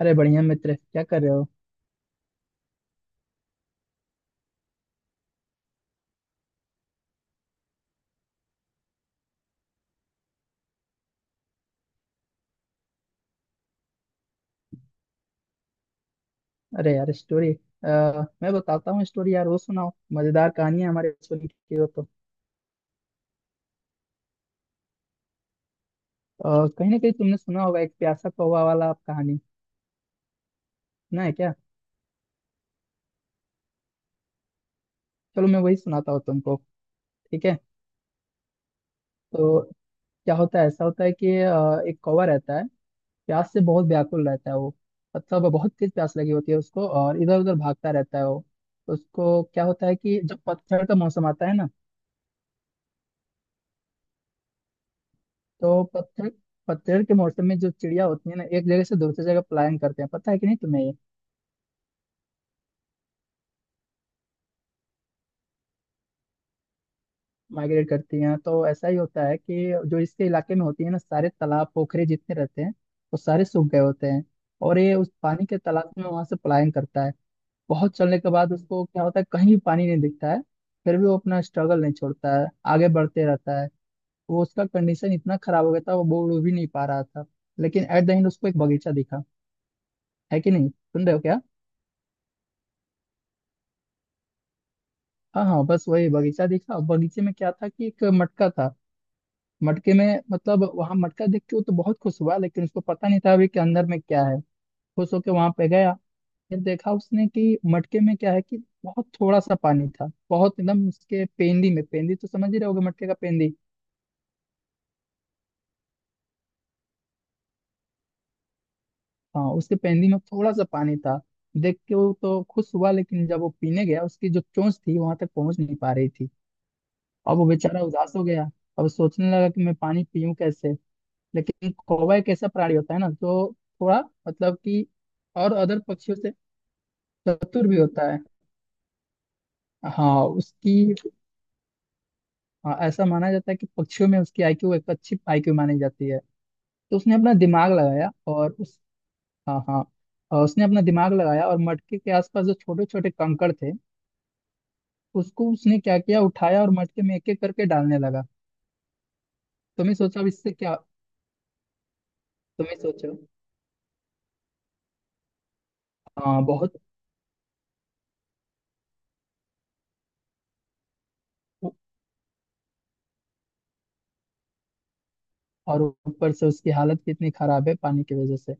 अरे बढ़िया मित्र, क्या कर रहे हो। अरे यार, स्टोरी मैं बताता हूँ। स्टोरी यार वो सुनाओ, मजेदार कहानी है हमारे स्कूल की, हो तो कहीं ना कहीं तुमने सुना होगा एक प्यासा कौवा वाला कहानी। सुना है क्या। चलो मैं वही सुनाता हूँ तुमको। ठीक है। तो क्या होता है, ऐसा होता है कि एक कौवा रहता है। प्यास से बहुत व्याकुल रहता है वो। मतलब बहुत तेज प्यास लगी होती है उसको और इधर उधर भागता रहता है वो। उसको क्या होता है कि जब पतझड़ का मौसम आता है ना, तो पतझड़ पतझड़ के मौसम में जो चिड़िया होती है ना, एक जगह से दूसरी जगह पलायन करते हैं, पता है कि नहीं तुम्हें ये। माइग्रेट करती हैं, तो ऐसा ही होता है कि जो इसके इलाके में होती है ना, सारे तालाब पोखरे जितने रहते हैं वो सारे सूख गए होते हैं। और ये उस पानी के तालाब में वहां से पलायन करता है। बहुत चलने के बाद उसको क्या होता है, कहीं भी पानी नहीं दिखता है। फिर भी वो अपना स्ट्रगल नहीं छोड़ता है, आगे बढ़ते रहता है वो। उसका कंडीशन इतना खराब हो गया था, वो बोल भी नहीं पा रहा था। लेकिन एट द एंड उसको एक बगीचा दिखा। है कि नहीं, सुन रहे हो क्या। हाँ हाँ, बस वही बगीचा देखा। बगीचे में क्या था कि एक मटका था। मटके में, मतलब वहां मटका देख के वो तो बहुत खुश हुआ, लेकिन उसको पता नहीं था अभी कि अंदर में क्या है। खुश होके वहां पे गया। फिर देखा उसने कि मटके में क्या है कि बहुत थोड़ा सा पानी था, बहुत एकदम उसके पेंदी में। पेंदी तो समझ ही रहे होगे, मटके का पेंदी। हाँ, उसके पेंदी में थोड़ा सा पानी था। देख के वो तो खुश हुआ, लेकिन जब वो पीने गया उसकी जो चोंच थी वहां तक पहुंच नहीं पा रही थी। अब वो बेचारा उदास हो गया। अब सोचने लगा कि मैं पानी पीऊं कैसे। लेकिन कौवा एक ऐसा प्राणी होता है ना जो थोड़ा, मतलब कि, और अदर पक्षियों से चतुर भी होता है। हाँ उसकी, हाँ, ऐसा माना जाता है कि पक्षियों में उसकी आईक्यू, एक अच्छी आईक्यू मानी जाती है। तो उसने अपना दिमाग लगाया और उस हाँ हाँ, और उसने अपना दिमाग लगाया और मटके के आसपास जो छोटे छोटे कंकड़ थे उसको उसने क्या किया, उठाया और मटके में एक एक करके डालने लगा। तुम्हें सोचा अब इससे क्या। तुम्हें सोचो। हाँ बहुत, और ऊपर से उसकी हालत कितनी खराब है पानी की वजह से।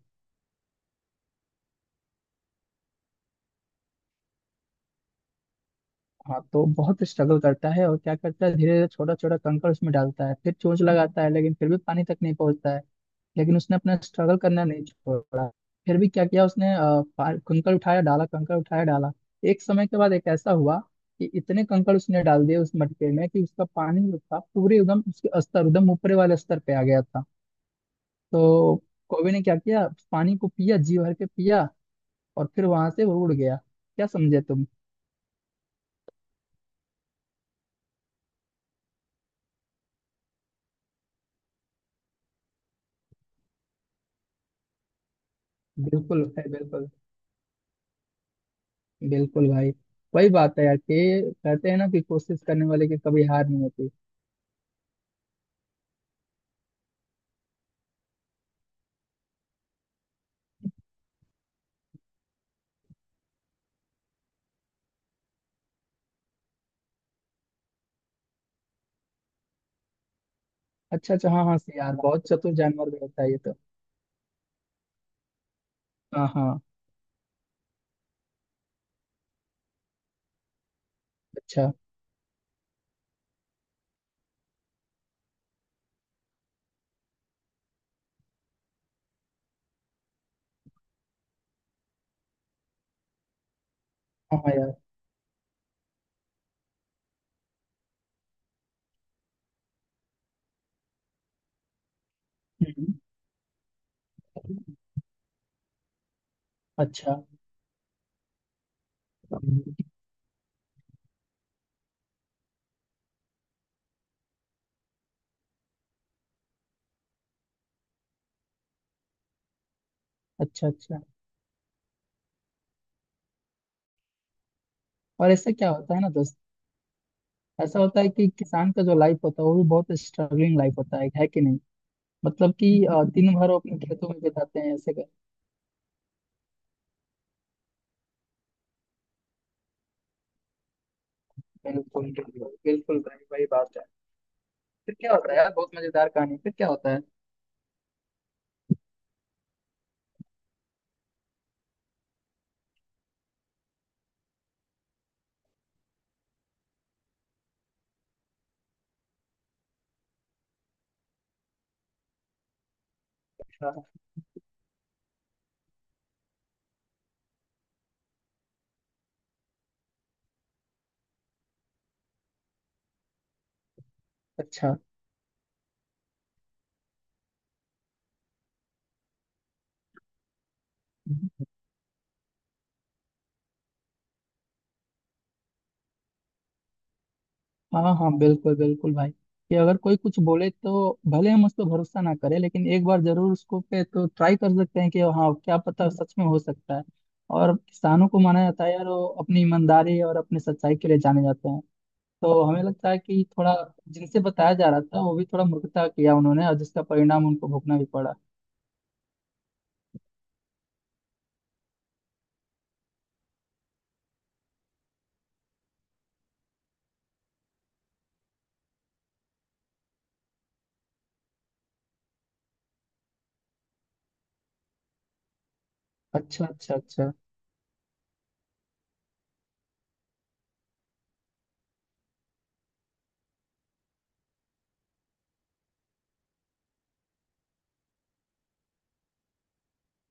हाँ, तो बहुत स्ट्रगल करता है और क्या करता है, धीरे धीरे छोटा छोटा कंकड़ उसमें डालता है, फिर चोंच लगाता है, लेकिन फिर भी पानी तक नहीं पहुंचता है। लेकिन उसने अपना स्ट्रगल करना नहीं छोड़ा। फिर भी क्या किया उसने, कंकड़ उठाया डाला, कंकड़ उठाया डाला। एक समय के बाद एक ऐसा हुआ कि इतने कंकड़ उसने डाल दिए उस मटके में कि उसका पानी जो था पूरे एकदम उसके स्तर, एकदम ऊपरे वाले स्तर पे आ गया था। तो कौवे ने क्या किया, पानी को पिया, जी भर के पिया, और फिर वहां से वो उड़ गया। क्या समझे तुम। बिल्कुल है बिल्कुल, बिल्कुल भाई। वही बात है यार, कि कहते हैं ना कि कोशिश करने वाले की कभी हार नहीं होती। अच्छा अच्छा, हाँ हाँ से यार, बहुत चतुर जानवर भी होता है ये तो। हाँ हाँ। अच्छा। हाँ हाँ यार। हम्म। अच्छा अच्छा अच्छा। और ऐसा क्या होता है ना दोस्त, ऐसा होता है कि किसान का जो लाइफ होता है वो भी बहुत स्ट्रगलिंग लाइफ होता है कि नहीं। मतलब कि दिन भर वो अपने खेतों में बिताते हैं, ऐसे कर। बिल्कुल बिल्कुल, बिल्कुल भाई, वही बात है। फिर क्या होता है यार, बहुत मजेदार कहानी, फिर क्या होता है। अच्छा अच्छा। हाँ हाँ बिल्कुल, बिल्कुल भाई। कि अगर कोई कुछ बोले तो भले हम उस पर भरोसा ना करें, लेकिन एक बार जरूर उसको पे तो ट्राई कर सकते हैं कि हाँ, क्या पता सच में हो सकता है। और किसानों को माना जाता है यार, वो अपनी ईमानदारी और अपनी सच्चाई के लिए जाने जाते हैं। तो हमें लगता है कि थोड़ा जिनसे बताया जा रहा था वो भी थोड़ा मूर्खता किया उन्होंने, और जिसका परिणाम उनको भुगतना भी पड़ा। अच्छा अच्छा अच्छा।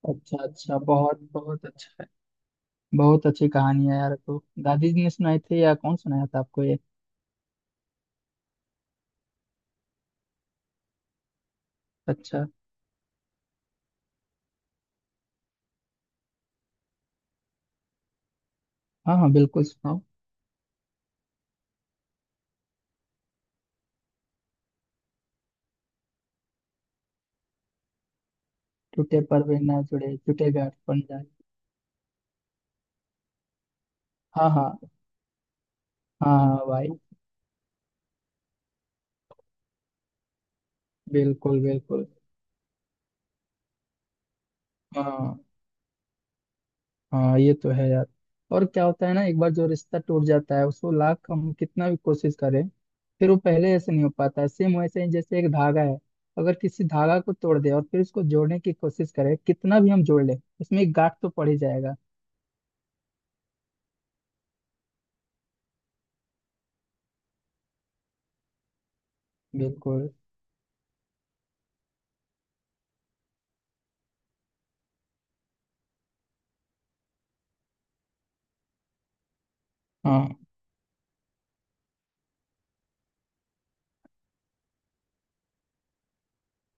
अच्छा अच्छा, बहुत बहुत अच्छा है। बहुत अच्छी कहानी है यार, तो दादी जी ने सुनाई थी या कौन सुनाया था आपको ये। अच्छा, हाँ हाँ बिल्कुल, सुनाओ। टूटे पर भी ना जुड़े, टूटे गांठ बन जाए। हाँ हाँ। हाँ हाँ भाई। बिल्कुल बिल्कुल। हाँ, हाँ ये तो है यार। और क्या होता है ना, एक बार जो रिश्ता टूट जाता है उसको लाख हम कितना भी कोशिश करें, फिर वो पहले ऐसे नहीं हो पाता है, सेम वैसे ही जैसे एक धागा है। अगर किसी धागा को तोड़ दे और फिर उसको जोड़ने की कोशिश करे, कितना भी हम जोड़ ले, उसमें एक गांठ तो पड़ ही जाएगा। बिल्कुल। हाँ।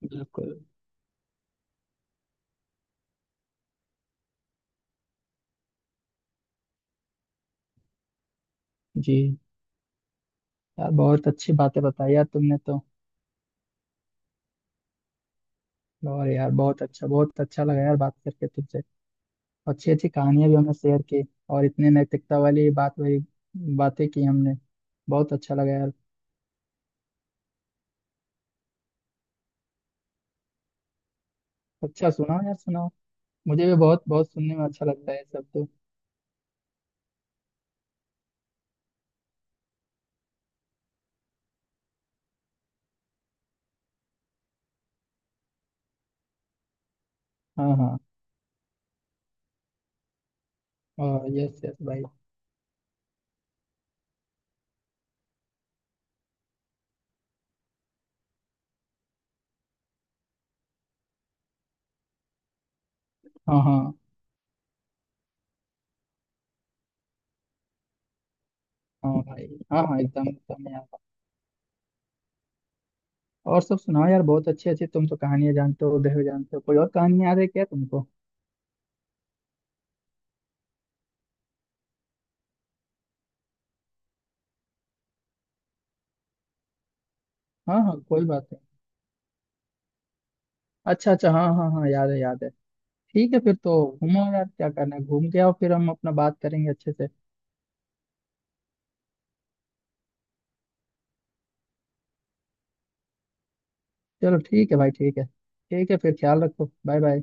बिल्कुल। जी। यार बहुत अच्छी बातें बताई यार तुमने तो। और यार बहुत अच्छा, बहुत अच्छा लगा यार बात करके तुमसे। अच्छी अच्छी कहानियां भी हमने शेयर की, और इतने नैतिकता वाली बात वाली बातें की हमने। बहुत अच्छा लगा यार। अच्छा सुनाओ यार, सुनाओ। मुझे भी बहुत बहुत सुनने में अच्छा लगता है ये सब तो। हाँ हाँ। और यस यस भाई। हाँ हाँ हाँ भाई। हाँ हाँ, एकदम एकदम यार। और सब सुनाओ यार, बहुत अच्छे अच्छे तुम तो कहानियां जानते हो उदय, जानते हो कोई और कहानी याद है क्या तुमको। हाँ हाँ, कोई बात नहीं। अच्छा अच्छा, हाँ हाँ हाँ, याद है याद है। ठीक है फिर तो। घूमो यार, क्या करना है, घूम के आओ फिर हम अपना बात करेंगे अच्छे से। चलो ठीक है भाई, ठीक है। ठीक है फिर, ख्याल रखो, बाय बाय।